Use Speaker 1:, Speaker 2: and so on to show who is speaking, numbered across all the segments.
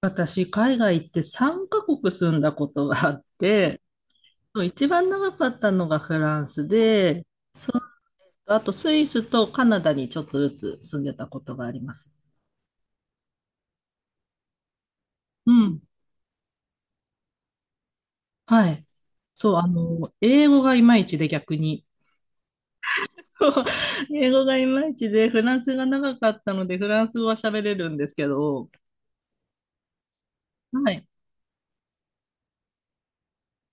Speaker 1: 私、海外行って3カ国住んだことがあって、一番長かったのがフランスで、あとスイスとカナダにちょっとずつ住んでたことがあります。うん。はい。そう、英語がいまいちで逆に。英語がいまいちで、フランスが長かったので、フランス語は喋れるんですけど、はい。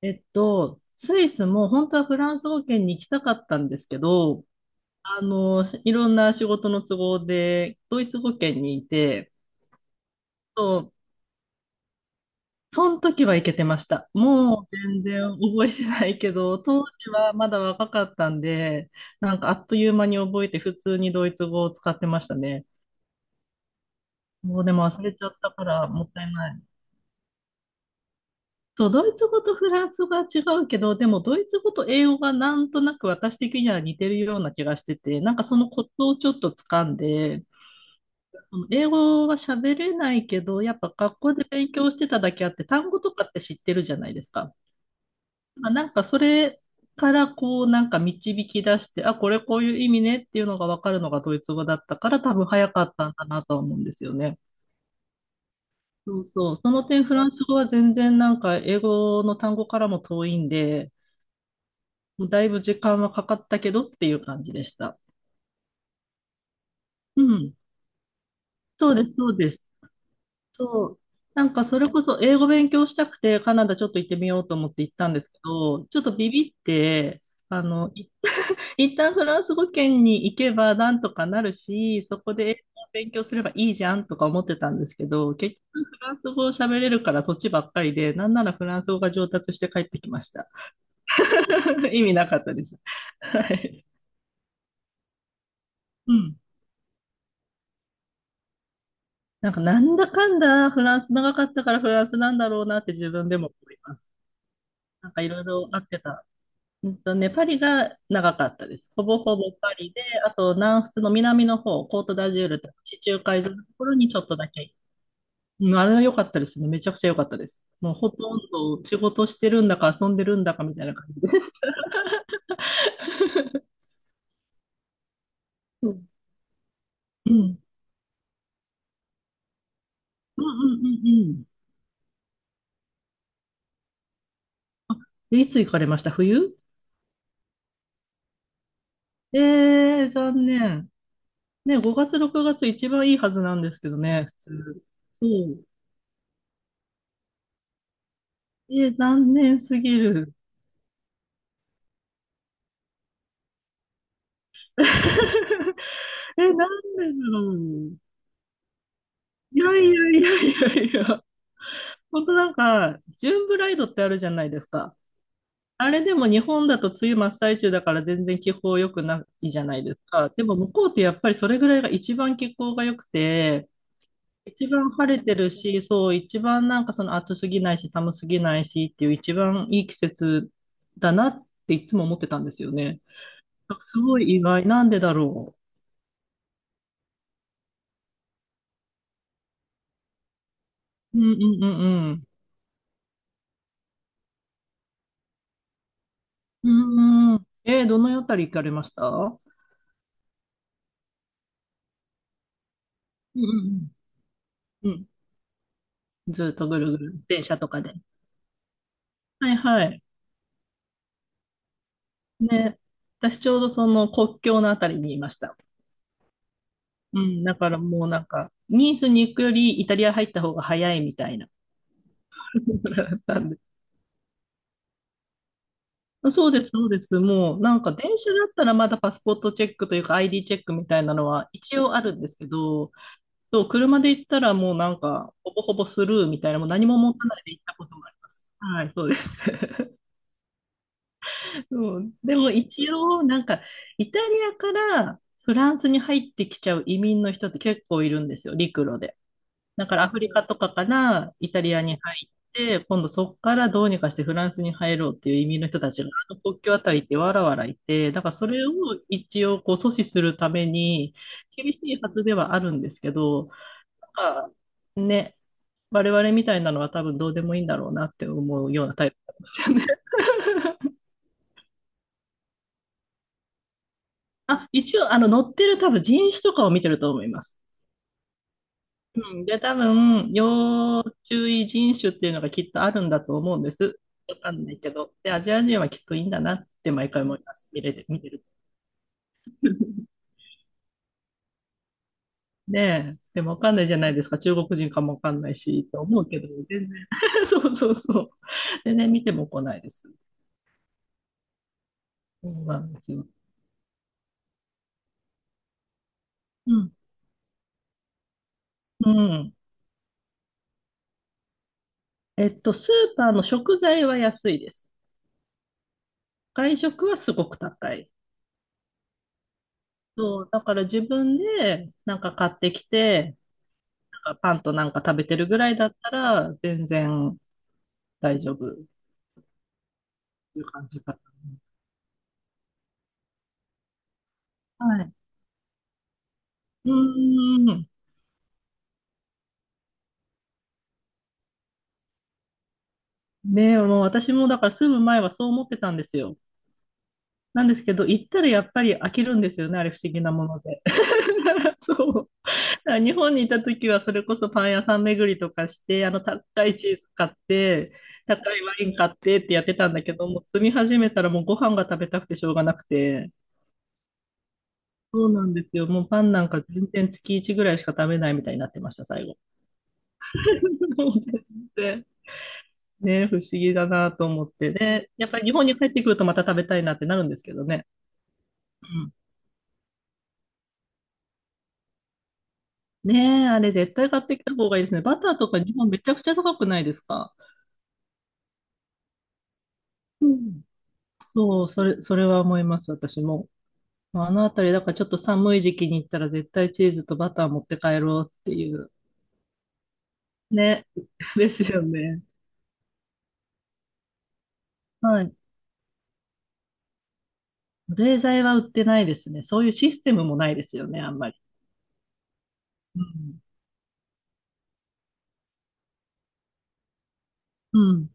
Speaker 1: スイスも本当はフランス語圏に行きたかったんですけど、いろんな仕事の都合で、ドイツ語圏にいて、そう、その時は行けてました。もう全然覚えてないけど、当時はまだ若かったんで、なんかあっという間に覚えて普通にドイツ語を使ってましたね。もうでも忘れちゃったからもったいない。そう、ドイツ語とフランス語が違うけど、でもドイツ語と英語がなんとなく私的には似てるような気がしてて、なんかそのコツをちょっと掴んで、あの英語は喋れないけど、やっぱ学校で勉強してただけあって、単語とかって知ってるじゃないですか。まあなんかそれからこうなんか導き出して、あ、これこういう意味ねっていうのがわかるのがドイツ語だったから多分早かったんだなとは思うんですよね。そうそう。その点フランス語は全然なんか英語の単語からも遠いんで、もうだいぶ時間はかかったけどっていう感じでした。うん。そうです、そうです。そう。なんかそれこそ英語勉強したくてカナダちょっと行ってみようと思って行ったんですけど、ちょっとビビって、あの、い一旦フランス語圏に行けばなんとかなるし、そこで英語を勉強すればいいじゃんとか思ってたんですけど、結局フランス語を喋れるからそっちばっかりで、なんならフランス語が上達して帰ってきました。意味なかったです。はい。うん。なんかなんだかんだフランス長かったからフランスなんだろうなって自分でも思います。なんかいろいろあってた。うんとね、パリが長かったです。ほぼほぼパリで、あと南仏の南の方、コートダジュールとか地中海沿いのところにちょっとだけ。うん、あれは良かったですね。めちゃくちゃ良かったです。もうほとんど仕事してるんだか遊んでるんだかみたいな感じで。うん。うん。うんうんうんうん。で、いつ行かれました？冬？えー、残念。ね、5月、6月一番いいはずなんですけどね、普通。そう。えー、残念すぎる。えー、なんでだろう。いやいやいやいやいや。本当なんか、ジューンブライドってあるじゃないですか。あれでも日本だと梅雨真っ最中だから全然気候良くないじゃないですか。でも向こうってやっぱりそれぐらいが一番気候が良くて、一番晴れてるし、そう、一番なんかその暑すぎないし寒すぎないしっていう一番いい季節だなっていつも思ってたんですよね。すごい意外。なんでだろう。うんうんうんうん。うんうん。えーどのあたり行かれました？うんうんうん。うん、ずっとぐるぐる、電車とかで。はいはい。ね、私ちょうどその国境のあたりにいました。うん、だからもうなんか、ニースに行くよりイタリア入った方が早いみたいな。なんで？そうです、そうです。もうなんか電車だったらまだパスポートチェックというか ID チェックみたいなのは一応あるんですけど、そう、車で行ったらもうなんか、ほぼほぼスルーみたいな、もう何も持たないで行ったこともあります。はい、そうです。そう、でも一応、なんか、イタリアからフランスに入ってきちゃう移民の人って結構いるんですよ、陸路で。だからアフリカとかからイタリアに入って、今度そこからどうにかしてフランスに入ろうっていう移民の人たちが、あの国境あたりってわらわらいて、だからそれを一応こう阻止するために、厳しいはずではあるんですけど、なんかね、我々みたいなのは多分どうでもいいんだろうなって思うようなタイプなんですよね。あ、一応、載ってる多分人種とかを見てると思います。うん。で、多分、要注意人種っていうのがきっとあるんだと思うんです。わかんないけど。で、アジア人はきっといいんだなって毎回思います。見れて、見てると。ねえ。でもわかんないじゃないですか。中国人かもわかんないし、と思うけど、全然。そうそうそう。全然見ても来ないです。そうなんですよ。うん。うん。えっと、スーパーの食材は安いです。外食はすごく高い。そう、だから自分でなんか買ってきて、なんかパンとなんか食べてるぐらいだったら全然大丈夫っていう感じかな。はい。うーん。ねえ、もう私もだから住む前はそう思ってたんですよ。なんですけど、行ったらやっぱり飽きるんですよね、あれ不思議なもので。そう。だから日本にいた時はそれこそパン屋さん巡りとかして、あの高いチーズ買って、高いワイン買ってってやってたんだけど、もう住み始めたらもうご飯が食べたくてしょうがなくて。そうなんですよ。もうパンなんか全然月1ぐらいしか食べないみたいになってました、最後。もう全然ね、不思議だなと思って。で、やっぱり日本に帰ってくるとまた食べたいなってなるんですけどね。うん。ねえ、あれ絶対買ってきた方がいいですね。バターとか日本めちゃくちゃ高くないですか？うん。そう、それ、それは思います、私も。あのあたり、だからちょっと寒い時期に行ったら絶対チーズとバター持って帰ろうっていう。ね。ですよね。はい。冷剤は売ってないですね。そういうシステムもないですよね、あんまり。うん。うん。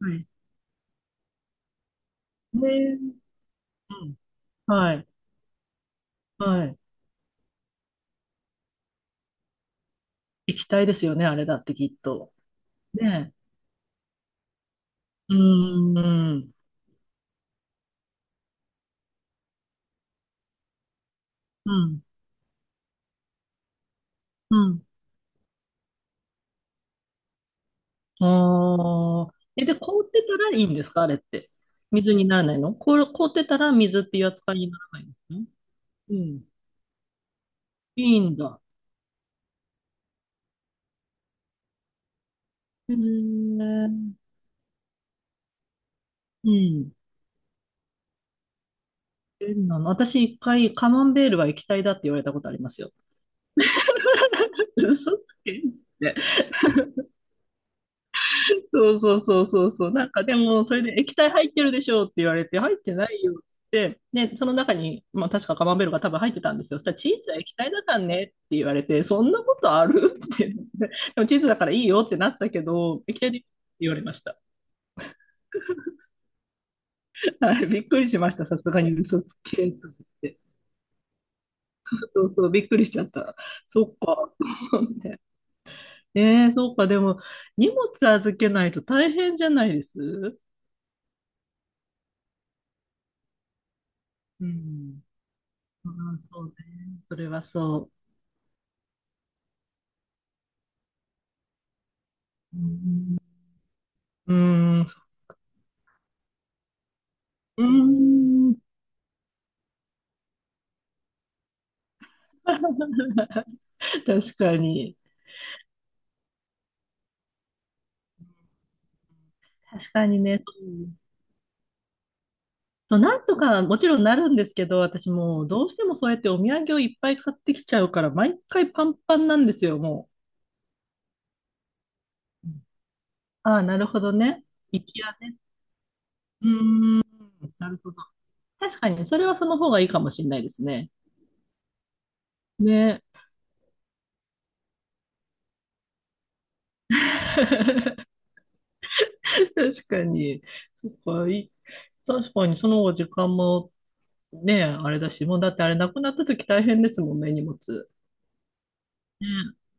Speaker 1: はい。ね、うん。はい。はい。液体ですよね、あれだってきっと。ねえ。うーん。うん。うん。ああ。え、で、凍ってたらいいんですか、あれって？水にならないの？凍、凍ってたら水っていう扱いにならないんですね。うん。いいんだ。へえ。うん。変なの。私一回、カマンベールは液体だって言われたことありますよ。嘘つけんって。そうそうそうそうそう。なんかでも、それで液体入ってるでしょうって言われて、入ってないよって言って、で、その中に、まあ確かカマンベールが多分入ってたんですよ。そしたらチーズは液体だからねって言われて、そんなことあるってって。でもチーズだからいいよってなったけど、液体でいいって言われました。はい、びっくりしました。さすがに嘘つけと思って。そうそう、びっくりしちゃった。そっか。と思って。ええ、そうか。でも、荷物預けないと大変じゃないですうん。ああ、そうね。それはそう。うん。うーん。うーん。 確かに。確かにね。そう、なんとかもちろんなるんですけど、私もうどうしてもそうやってお土産をいっぱい買ってきちゃうから、毎回パンパンなんですよ、もう。ああ、なるほどね。行きやね。うーん。なるほど。確かに、それはその方がいいかもしれないですね。ね。確かに。そっか、いい、確かに、その方が時間もねえ、あれだし、もうだってあれなくなった時大変ですもんね、荷物。ね